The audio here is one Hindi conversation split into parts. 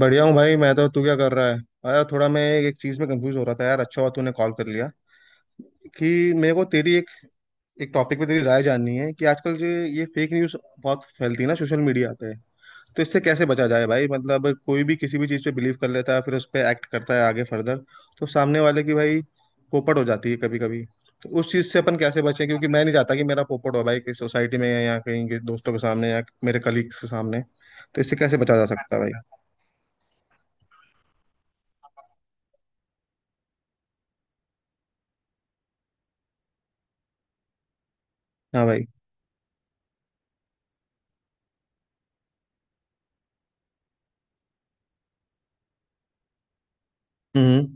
बढ़िया हूँ भाई। मैं तो तू क्या कर रहा है? यार थोड़ा मैं एक चीज में कंफ्यूज हो रहा था यार। अच्छा हुआ तूने कॉल कर लिया कि मेरे को तेरी एक एक टॉपिक पे तेरी राय जाननी है कि आजकल जो ये फेक न्यूज़ बहुत फैलती है ना सोशल मीडिया पे। तो इससे कैसे बचा जाए भाई? मतलब कोई भी किसी भी चीज़ पे बिलीव कर लेता है, फिर उस पर एक्ट करता है आगे फर्दर। तो सामने वाले की भाई पोपट हो जाती है कभी कभी। तो उस चीज़ से अपन कैसे बचें? क्योंकि मैं नहीं चाहता कि मेरा पोपट हो भाई किसी सोसाइटी में, या कहीं के दोस्तों के सामने, या मेरे कलीग्स के सामने। तो इससे कैसे बचा जा सकता है भाई? हाँ भाई। हम्म।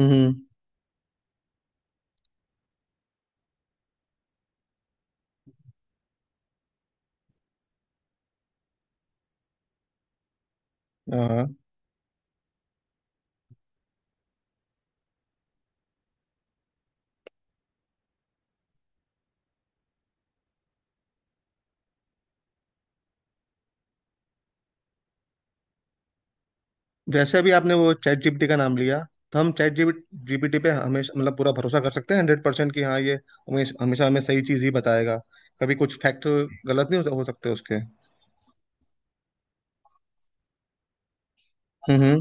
हम्म। हाँ। जैसे अभी आपने वो चैट जीपीटी का नाम लिया। तो हम चैट जीपीटी पे हमेशा मतलब पूरा भरोसा कर सकते हैं 100% कि हाँ ये हमेशा हमेशा हमें सही चीज ही बताएगा? कभी कुछ फैक्टर गलत नहीं हो सकते उसके? हम्म। हम्म।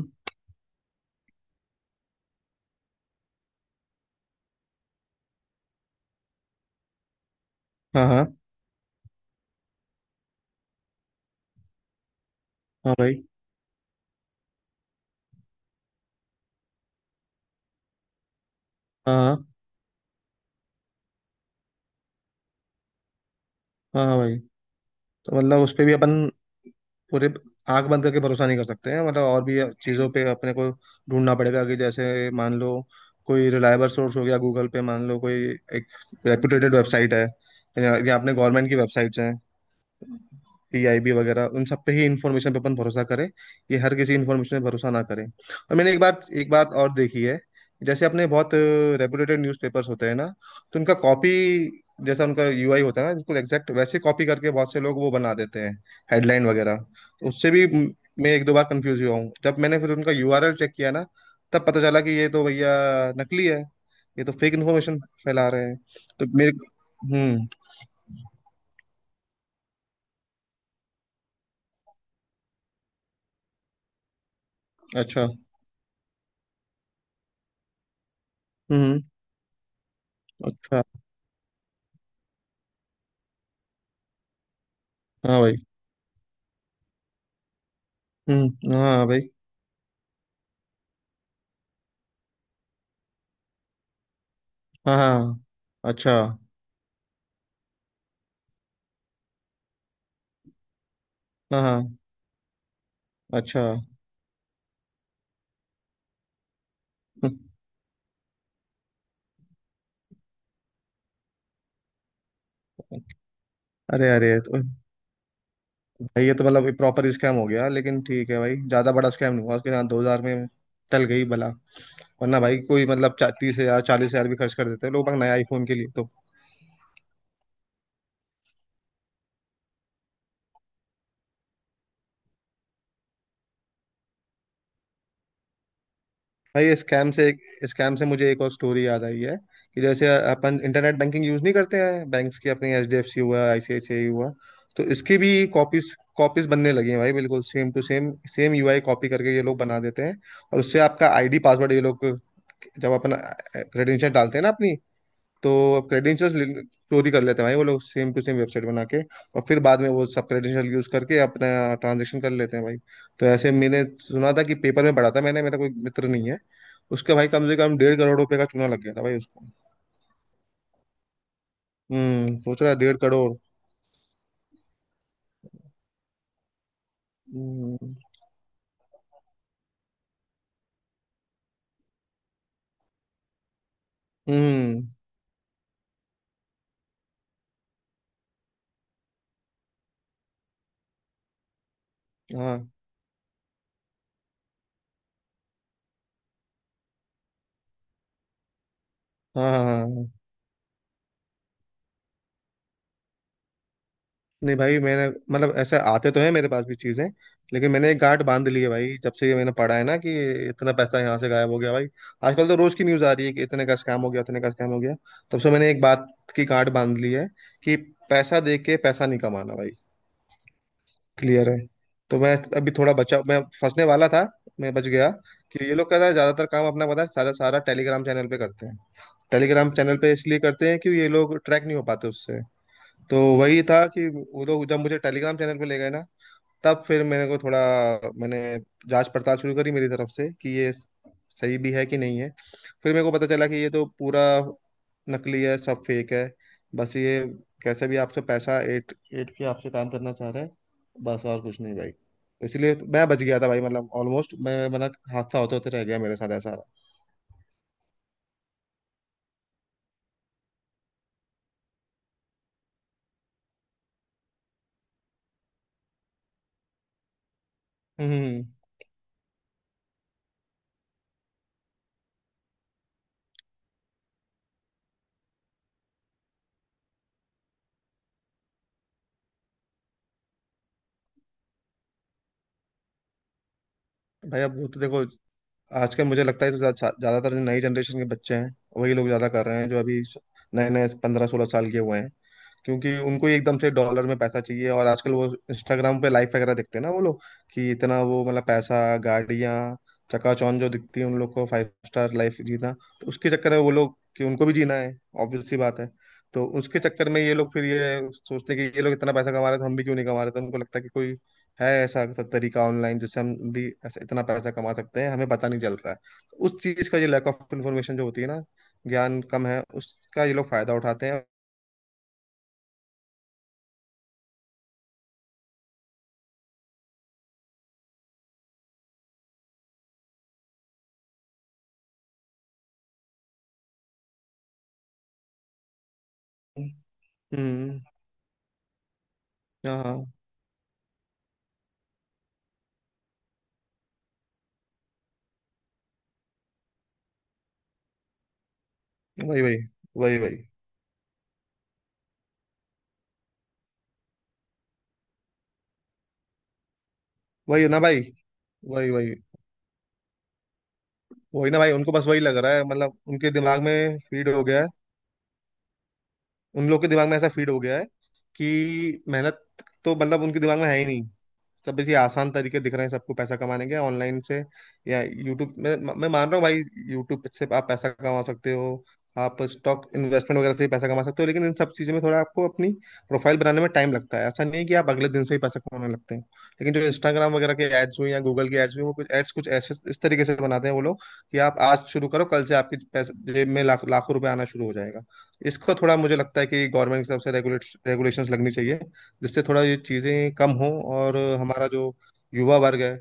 हाँ हाँ। हाँ भाई। हाँ हाँ। हाँ हाँ भाई। तो मतलब उस पे भी अपन पूरे आंख बंद करके भरोसा नहीं कर सकते हैं। मतलब और भी चीज़ों पे अपने को ढूंढना पड़ेगा कि जैसे मान लो कोई रिलायबल सोर्स हो गया गूगल पे, मान लो कोई एक रेपुटेटेड वेबसाइट है, या अपने गवर्नमेंट की वेबसाइट्स हैं। पीआईबी वगैरह, उन सब पे ही इंफॉर्मेशन पे अपन भरोसा करें। ये हर किसी इंफॉर्मेशन पे भरोसा ना करें। और मैंने एक बात और देखी है। जैसे अपने बहुत रेपुटेड न्यूज़पेपर्स होते हैं ना, तो उनका कॉपी, जैसा उनका यूआई होता है ना, बिल्कुल एग्जैक्ट वैसे कॉपी करके बहुत से लोग वो बना देते हैं, हेडलाइन वगैरह। तो उससे भी मैं एक दो बार कंफ्यूज हुआ हूँ। जब मैंने फिर उनका यूआरएल चेक किया ना, तब पता चला कि ये तो भैया नकली है। ये तो फेक इन्फॉर्मेशन फैला रहे हैं। तो मेरे। हम्म। अच्छा। हम्म। अच्छा। हाँ भाई। हम्म। हाँ भाई। हाँ हाँ। अच्छा। हाँ हाँ। अच्छा। हम्म। अरे अरे ये तो भाई, ये तो मतलब प्रॉपर स्कैम हो गया। लेकिन ठीक है भाई, ज्यादा बड़ा स्कैम नहीं हुआ उसके साथ, 2 हजार में टल गई भला। वरना भाई कोई मतलब 30 हजार 40 हजार भी खर्च कर देते हैं लोग अपना नया आईफोन के लिए तो। भाई स्कैम से मुझे एक और स्टोरी याद आई है कि जैसे अपन इंटरनेट बैंकिंग यूज नहीं करते हैं बैंक्स की, अपनी एचडीएफसी हुआ, आईसीआईसीआई हुआ। तो इसकी भी कॉपीज कॉपीज बनने लगी हैं भाई, बिल्कुल same to same same UI copy करके ये लोग बना देते हैं। और उससे आपका आईडी पासवर्ड ये लोग, जब अपन क्रेडेंशियल डालते हैं ना अपनी, तो अब क्रेडेंशियल्स चोरी कर लेते हैं भाई वो लोग, सेम टू सेम वेबसाइट बना के। और फिर बाद में वो सब क्रेडेंशियल यूज करके अपना ट्रांजेक्शन कर लेते हैं भाई। तो ऐसे मैंने सुना था, कि पेपर में पढ़ा था मैंने। मेरा कोई मित्र नहीं है, उसका भाई, कम से कम 1.5 करोड़ रुपए का चूना लग गया था भाई उसको। हम्म, सोच रहा है 1.5 करोड़। हम्म। हम्म। हाँ, हाँ, हाँ, हाँ, हाँ। नहीं भाई, मैंने मतलब ऐसे आते तो है मेरे पास भी चीजें। लेकिन मैंने एक गांठ बांध ली है भाई, जब से ये मैंने पढ़ा है ना कि इतना पैसा यहाँ से गायब हो गया भाई। आजकल तो रोज की न्यूज आ रही है कि इतने का स्कैम हो गया, इतने का स्कैम हो गया। तब से मैंने एक बात की गांठ बांध ली है कि पैसा दे के पैसा नहीं कमाना भाई। क्लियर है। तो मैं अभी थोड़ा बचा, मैं फंसने वाला था, मैं बच गया। कि ये लोग, कहता है ज्यादातर काम अपना पता है सारा, सारा टेलीग्राम चैनल पे करते हैं। टेलीग्राम चैनल पे इसलिए करते हैं कि ये लोग ट्रैक नहीं हो पाते उससे। तो वही था कि वो लोग जब मुझे टेलीग्राम चैनल पे ले गए ना, तब फिर मेरे को थोड़ा, मैंने जांच पड़ताल शुरू करी मेरी तरफ से कि ये सही भी है कि नहीं है। फिर मेरे को पता चला कि ये तो पूरा नकली है, सब फेक है। बस ये, कैसे भी आपसे पैसा एट एट के आपसे काम करना चाह रहे हैं। बस और कुछ नहीं भाई। इसलिए तो मैं बच गया था भाई, मतलब ऑलमोस्ट मैं, मतलब हादसा होते होते रह गया मेरे साथ ऐसा। हम्म। भाई अब वो तो देखो, आजकल मुझे लगता है तो ज्या- ज्या- ज्यादातर जो नई जनरेशन के बच्चे हैं, वही लोग ज्यादा कर रहे हैं, जो अभी नए नए 15-16 साल के हुए हैं। क्योंकि उनको ही एकदम से डॉलर में पैसा चाहिए। और आजकल वो इंस्टाग्राम पे लाइफ वगैरह देखते हैं ना वो लोग, कि इतना वो मतलब पैसा, गाड़ियाँ, चकाचौंध जो दिखती है उन लोग को, फाइव स्टार लाइफ जीना, तो उसके चक्कर में वो लोग, कि उनको भी जीना है। ऑब्वियस सी बात है। तो उसके चक्कर में ये लोग फिर ये सोचते हैं कि ये लोग इतना पैसा कमा रहे थे, हम भी क्यों नहीं कमा रहे? तो उनको लगता है कि कोई है ऐसा तरीका ऑनलाइन, जिससे हम भी ऐसे इतना पैसा कमा सकते हैं, हमें पता नहीं चल रहा है। तो उस चीज का ये लैक ऑफ इन्फॉर्मेशन जो होती है ना, ज्ञान कम है उसका, ये लोग फायदा उठाते हैं। हम्म। हाँ हाँ। वही, वही, वही, वही। वही है ना भाई, वही वही। वही ना भाई, उनको बस वही लग रहा है, मतलब उनके दिमाग में फीड हो गया है। उन लोग के दिमाग में ऐसा फीड हो गया है कि मेहनत तो मतलब उनके दिमाग में है ही नहीं। सब ये आसान तरीके दिख रहे हैं सबको पैसा कमाने के ऑनलाइन से या यूट्यूब। मैं मान रहा हूँ भाई, यूट्यूब से आप पैसा कमा सकते हो। आप स्टॉक इन्वेस्टमेंट वगैरह से भी पैसा कमा सकते हो। लेकिन इन सब चीज़ों में थोड़ा आपको अपनी प्रोफाइल बनाने में टाइम लगता है। ऐसा नहीं है कि आप अगले दिन से ही पैसा कमाने लगते हैं। लेकिन जो इंस्टाग्राम वगैरह के एड्स हुए या गूगल के एड्स हुए, वो कुछ एड्स कुछ ऐसे इस तरीके से बनाते हैं वो लोग, कि आप आज शुरू करो, कल से आपकी पैसे जेब में लाख लाखों रुपए आना शुरू हो जाएगा। इसको थोड़ा मुझे लगता है कि गवर्नमेंट की तरफ से रेगुलेट रेगुलेशंस लगनी चाहिए, जिससे थोड़ा ये चीज़ें कम हों, और हमारा जो युवा वर्ग है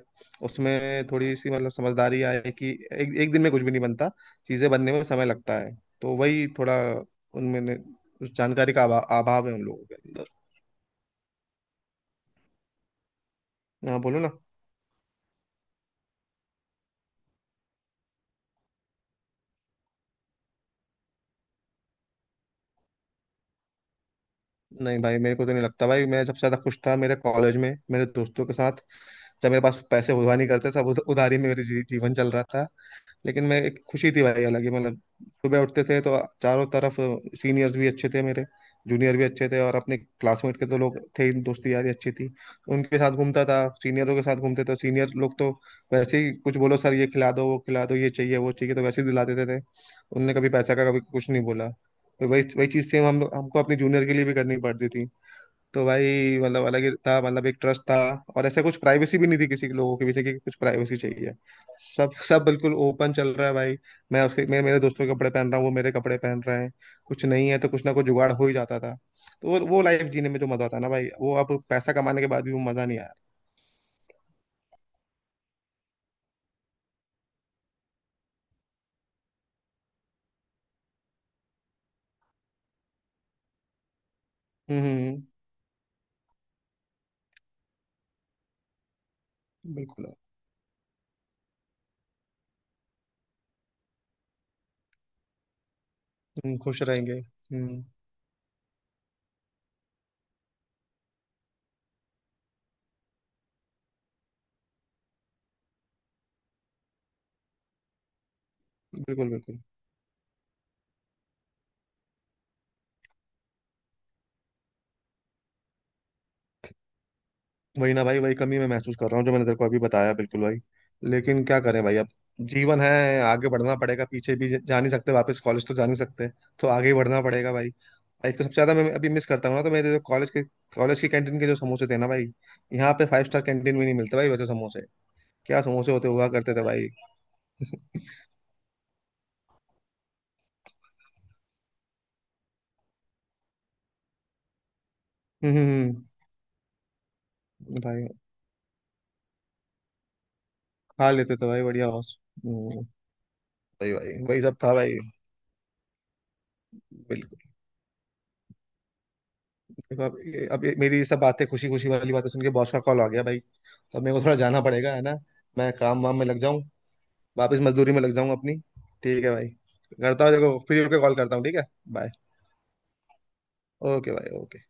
उसमें थोड़ी सी मतलब समझदारी आए कि एक एक दिन में कुछ भी नहीं बनता, चीज़ें बनने में समय लगता है। तो वही थोड़ा उनमें उस जानकारी का अभाव है उन लोगों के अंदर। हाँ, बोलो ना। नहीं भाई, मेरे को तो नहीं लगता भाई। मैं जब से ज्यादा खुश था मेरे कॉलेज में मेरे दोस्तों के साथ। जब मेरे पास पैसे हुआ नहीं करते, सब उधारी में मेरे जीवन चल रहा था। लेकिन मैं, एक खुशी थी भाई अलग ही मतलब। सुबह उठते थे तो चारों तरफ सीनियर्स भी अच्छे थे मेरे, जूनियर भी अच्छे थे, और अपने क्लासमेट के तो लोग थे ही, दोस्ती यारी अच्छी थी। उनके साथ घूमता था, सीनियरों के साथ घूमते थे, सीनियर लोग तो वैसे ही, कुछ बोलो सर, ये खिला दो, वो खिला दो, ये चाहिए, वो चाहिए, तो वैसे ही दिला देते थे। उनने कभी पैसा का कभी कुछ नहीं बोला। तो वही वही चीज़ सेम हम हमको अपने जूनियर के लिए भी करनी पड़ती थी। तो भाई मतलब अलग ही था, मतलब एक ट्रस्ट था। और ऐसा कुछ प्राइवेसी भी नहीं थी, किसी के लोगों के पीछे की कुछ प्राइवेसी चाहिए। सब सब बिल्कुल ओपन चल रहा है भाई। मैं मेरे दोस्तों के कपड़े पहन रहा हूँ, वो मेरे कपड़े पहन रहे हैं। कुछ नहीं है तो कुछ ना कुछ जुगाड़ हो ही जाता था। तो वो लाइफ जीने में जो मजा आता है ना भाई, वो अब पैसा कमाने के बाद भी वो मजा नहीं आया। हम्म। हम्म। बिल्कुल। हम खुश रहेंगे। हम्म। बिल्कुल बिल्कुल। वही ना भाई, वही कमी मैं महसूस कर रहा हूँ जो मैंने तेरे को अभी बताया, बिल्कुल भाई। लेकिन क्या करें भाई अब, जीवन है, आगे बढ़ना पड़ेगा, पीछे भी जा नहीं सकते, वापस कॉलेज तो जा नहीं सकते, तो आगे ही बढ़ना पड़ेगा भाई। एक तो सबसे ज्यादा मैं अभी मिस करता हूँ ना, तो मेरे जो कॉलेज की कैंटीन के जो समोसे थे ना भाई, यहाँ पे फाइव स्टार कैंटीन में नहीं मिलते भाई वैसे समोसे। क्या समोसे होते हुआ करते थे भाई! हम्म। हम्म। भाई, खा लेते थे भाई बढ़िया। हम्म। भाई भाई वही सब था भाई। बिल्कुल। देखो मेरी ये सब बातें, खुशी खुशी वाली बातें सुन के बॉस का कॉल आ गया भाई, तो अब मेरे को थोड़ा जाना पड़ेगा है ना। मैं काम वाम में लग जाऊँ, वापस मजदूरी में लग जाऊँ अपनी। ठीक है भाई। करता हूँ, देखो फ्री होके कॉल करता हूँ, ठीक है। बाय। ओके भाई, ओके।